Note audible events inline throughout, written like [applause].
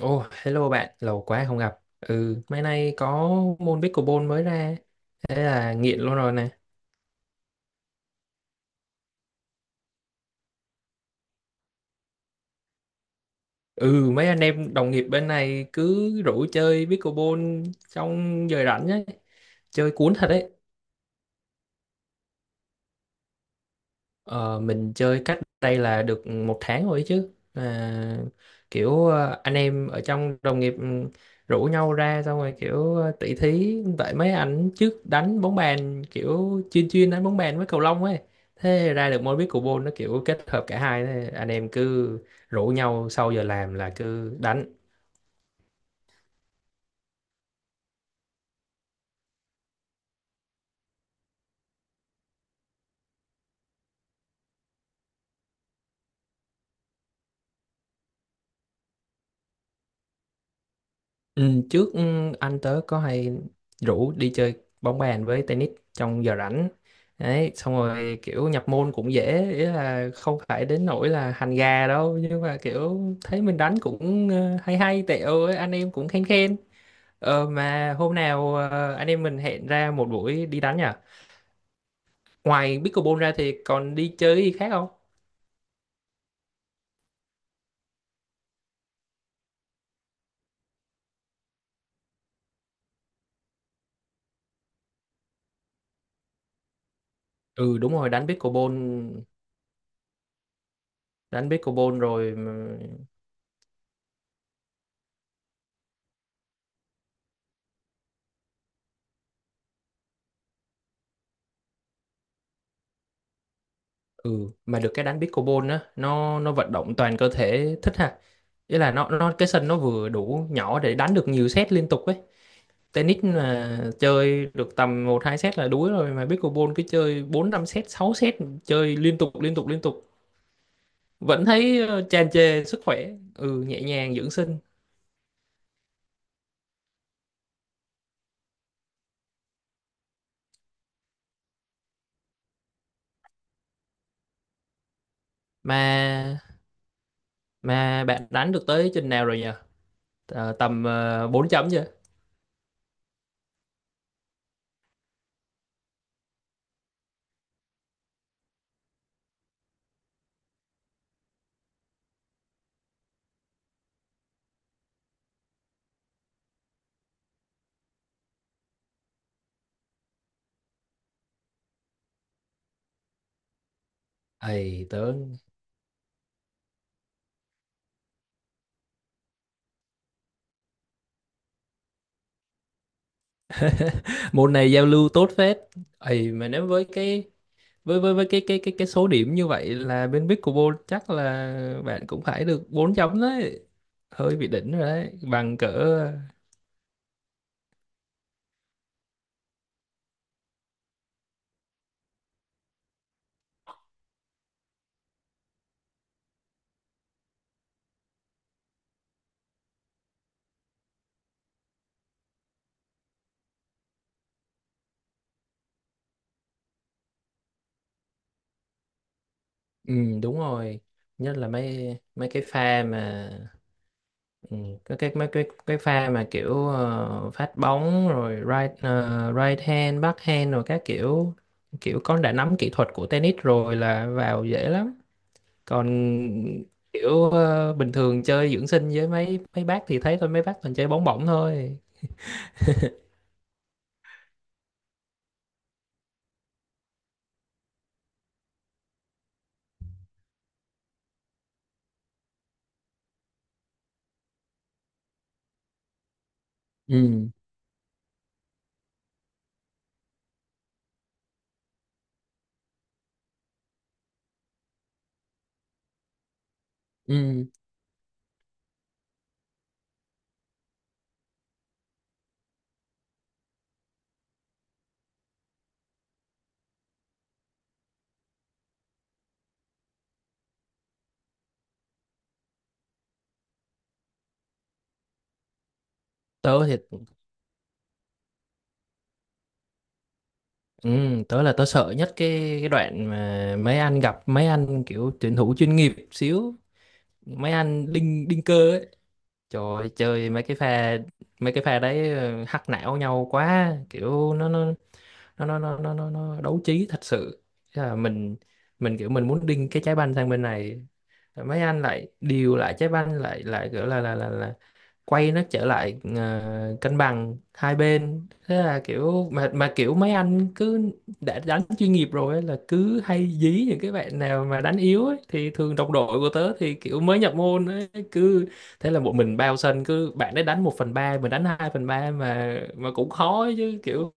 Ồ, hello bạn, lâu quá không gặp. Ừ, mấy nay có môn pickleball mới ra, thế là nghiện luôn rồi nè. Ừ, mấy anh em đồng nghiệp bên này cứ rủ chơi pickleball trong giờ rảnh ấy, chơi cuốn thật đấy. Ờ, mình chơi cách đây là được một tháng rồi ấy chứ à, kiểu anh em ở trong đồng nghiệp rủ nhau ra xong rồi kiểu tỷ thí tại mấy anh trước đánh bóng bàn kiểu chuyên chuyên đánh bóng bàn với cầu lông ấy, thế ra được môn biết cầu nó kiểu kết hợp cả hai, thế anh em cứ rủ nhau sau giờ làm là cứ đánh. Ừ, trước anh tớ có hay rủ đi chơi bóng bàn với tennis trong giờ rảnh đấy, xong rồi kiểu nhập môn cũng dễ, ý là không phải đến nỗi là hành gà đâu nhưng mà kiểu thấy mình đánh cũng hay hay tẹo ấy, anh em cũng khen khen. Mà hôm nào anh em mình hẹn ra một buổi đi đánh nhỉ? Ngoài pickleball ra thì còn đi chơi gì khác không? Ừ, đúng rồi, đánh pickleball. Đánh pickleball rồi. Ừ, mà được cái đánh pickleball á nó vận động toàn cơ thể thích ha, ý là nó cái sân nó vừa đủ nhỏ để đánh được nhiều set liên tục ấy. Tennis là chơi được tầm một hai set là đuối rồi, mà pickleball cứ chơi bốn năm set 6 set, chơi liên tục liên tục liên tục vẫn thấy tràn trề sức khỏe. Ừ, nhẹ nhàng dưỡng sinh. Mà mà bạn đánh được tới trình nào rồi nhỉ? Ờ, tầm 4 chấm chưa? Ấy tớ, môn này giao lưu tốt phết. Ấy mà nếu với cái số điểm như vậy là bên Pickleball chắc là bạn cũng phải được 4 chấm đấy, hơi bị đỉnh rồi đấy, bằng cỡ. Ừ, đúng rồi, nhất là mấy mấy cái pha mà. Ừ, cái mấy cái pha mà kiểu phát bóng rồi right hand back hand rồi các kiểu, kiểu con đã nắm kỹ thuật của tennis rồi là vào dễ lắm. Còn kiểu bình thường chơi dưỡng sinh với mấy mấy bác thì thấy thôi, mấy bác toàn chơi bóng bổng thôi. Ừ. Ừ, tớ thì ừ, tớ là tớ sợ nhất cái đoạn mà mấy anh gặp mấy anh kiểu tuyển thủ chuyên nghiệp xíu, mấy anh đinh đinh cơ ấy. Trời ơi, chơi mấy cái pha, mấy cái pha đấy hắc não nhau quá, kiểu nó đấu trí thật sự. Thế là mình kiểu mình muốn đinh cái trái banh sang bên này, mấy anh lại điều lại trái banh lại lại kiểu là quay nó trở lại cân bằng hai bên. Thế là kiểu mà kiểu mấy anh cứ đã đánh chuyên nghiệp rồi ấy, là cứ hay dí những cái bạn nào mà đánh yếu ấy, thì thường đồng đội của tớ thì kiểu mới nhập môn ấy, cứ thế là một mình bao sân, cứ bạn ấy đánh một phần ba mình đánh 2 phần ba. Mà cũng khó ấy chứ, kiểu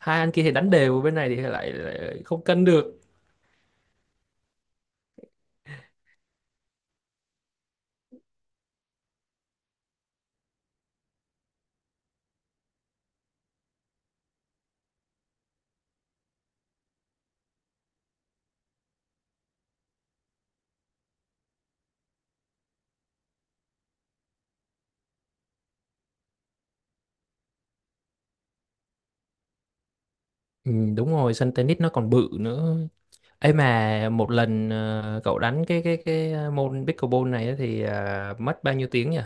hai anh kia thì đánh đều, bên này thì lại không cân được. Ừ, đúng rồi, sân tennis nó còn bự nữa. Ấy mà một lần cậu đánh môn pickleball này á thì mất bao nhiêu tiếng nhỉ?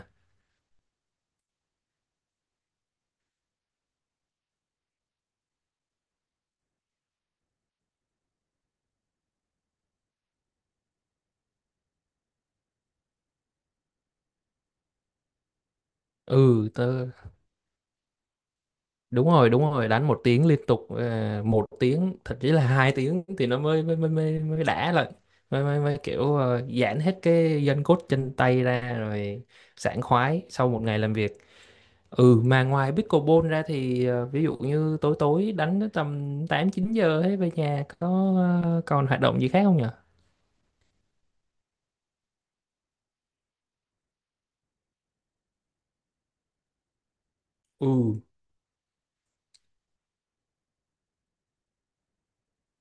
Ừ, đúng rồi đúng rồi, đánh một tiếng liên tục, một tiếng thậm chí là hai tiếng thì nó mới mới mới mới, mới đã lại, mới, mới mới kiểu giãn hết cái gân cốt chân tay ra rồi, sảng khoái sau một ngày làm việc. Ừ, mà ngoài pickleball ra thì ví dụ như tối tối đánh tới tầm 8 9 giờ ấy, về nhà có còn hoạt động gì khác không nhỉ? Ừ.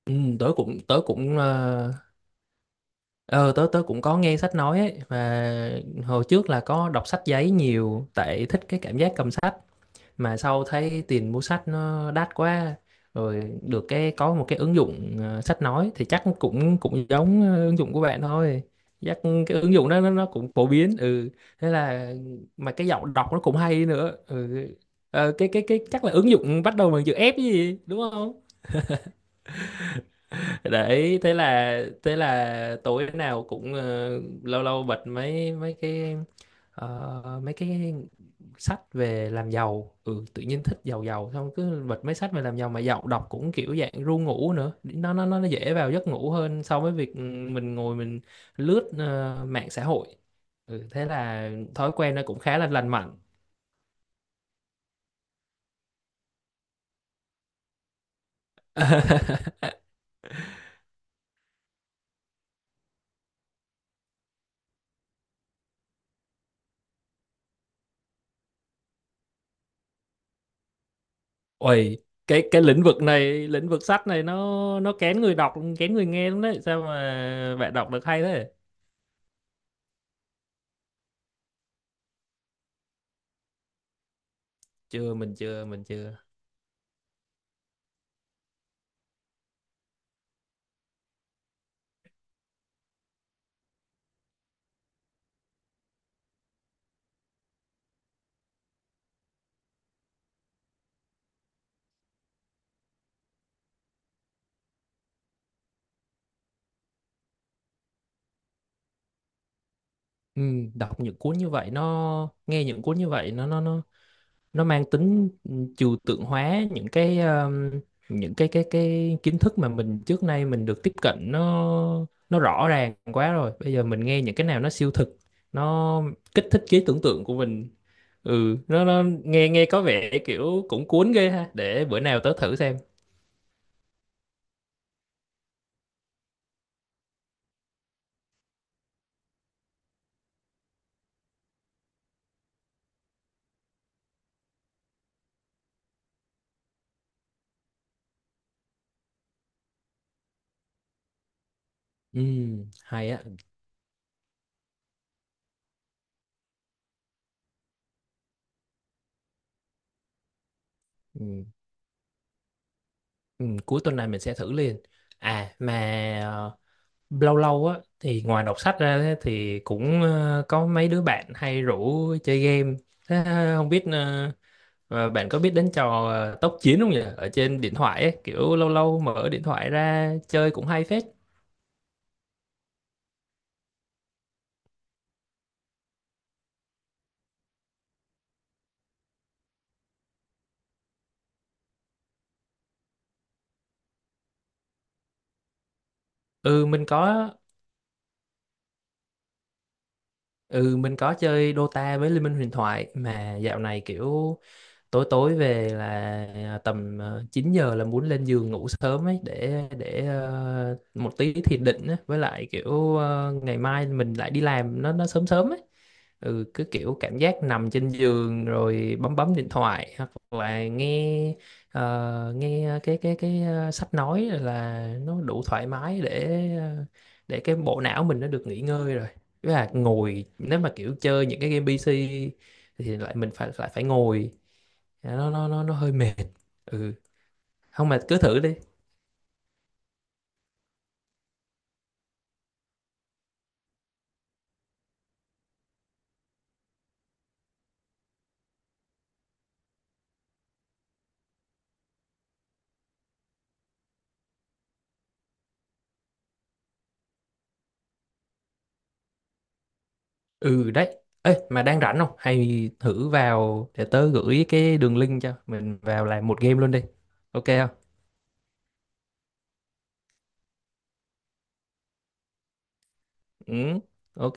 Ừ, tớ cũng ờ ờ, tớ tớ cũng có nghe sách nói ấy. Mà hồi trước là có đọc sách giấy nhiều tại thích cái cảm giác cầm sách, mà sau thấy tiền mua sách nó đắt quá. Rồi được cái có một cái ứng dụng sách nói thì chắc cũng cũng giống ứng dụng của bạn thôi, chắc cái ứng dụng đó nó cũng phổ biến. Ừ, thế là, mà cái giọng đọc nó cũng hay nữa. Ừ. Ờ, cái chắc là ứng dụng bắt đầu bằng chữ F chứ gì, đúng không? Đấy, thế là tối nào cũng lâu lâu bật mấy mấy cái mấy cái sách về làm giàu. Ừ, tự nhiên thích giàu giàu, xong cứ bật mấy sách về làm giàu mà giàu, đọc cũng kiểu dạng ru ngủ nữa, nó dễ vào giấc ngủ hơn so với việc mình ngồi mình lướt mạng xã hội. Ừ, thế là thói quen nó cũng khá là lành mạnh. [laughs] Ôi, cái lĩnh vực này, lĩnh vực sách này nó kén người đọc, kén người nghe lắm đấy. Sao mà bạn đọc được hay thế? Chưa, mình chưa, mình chưa. Ừ, đọc những cuốn như vậy nó nghe những cuốn như vậy nó mang tính trừu tượng hóa những cái, những cái kiến thức mà mình trước nay mình được tiếp cận nó rõ ràng quá rồi. Bây giờ mình nghe những cái nào nó siêu thực, nó kích thích trí tưởng tượng của mình. Ừ, nó nghe nghe có vẻ kiểu cũng cuốn ghê ha, để bữa nào tớ thử xem. Ừ, hay á. Ừ, ừ, cuối tuần này mình sẽ thử liền. À mà ờ, lâu lâu á thì ngoài đọc sách ra á, thì cũng có mấy đứa bạn hay rủ chơi game. Thế không biết bạn có biết đến trò tốc chiến không nhỉ, ở trên điện thoại ấy, kiểu lâu lâu mở điện thoại ra chơi cũng hay phết. Ừ mình có ừ mình có chơi Dota với Liên minh huyền thoại. Mà dạo này kiểu tối tối về là tầm 9 giờ là muốn lên giường ngủ sớm ấy, để một tí thiền định á. Với lại kiểu ngày mai mình lại đi làm nó sớm sớm ấy. Ừ, cứ kiểu cảm giác nằm trên giường rồi bấm bấm điện thoại hoặc là nghe, nghe sách nói là nó đủ thoải mái để ờ, để cái bộ não mình nó được nghỉ ngơi rồi. Với là ngồi nếu mà kiểu chơi những cái game PC thì lại mình phải phải phải ngồi. Dạ, nó hơi mệt. Ừ. không mà cứ thử đi. Ừ, đấy. Ê, mà đang rảnh không, hay thử vào để tớ gửi cái đường link cho mình vào làm một game luôn đi, ok không? Ừ, ok.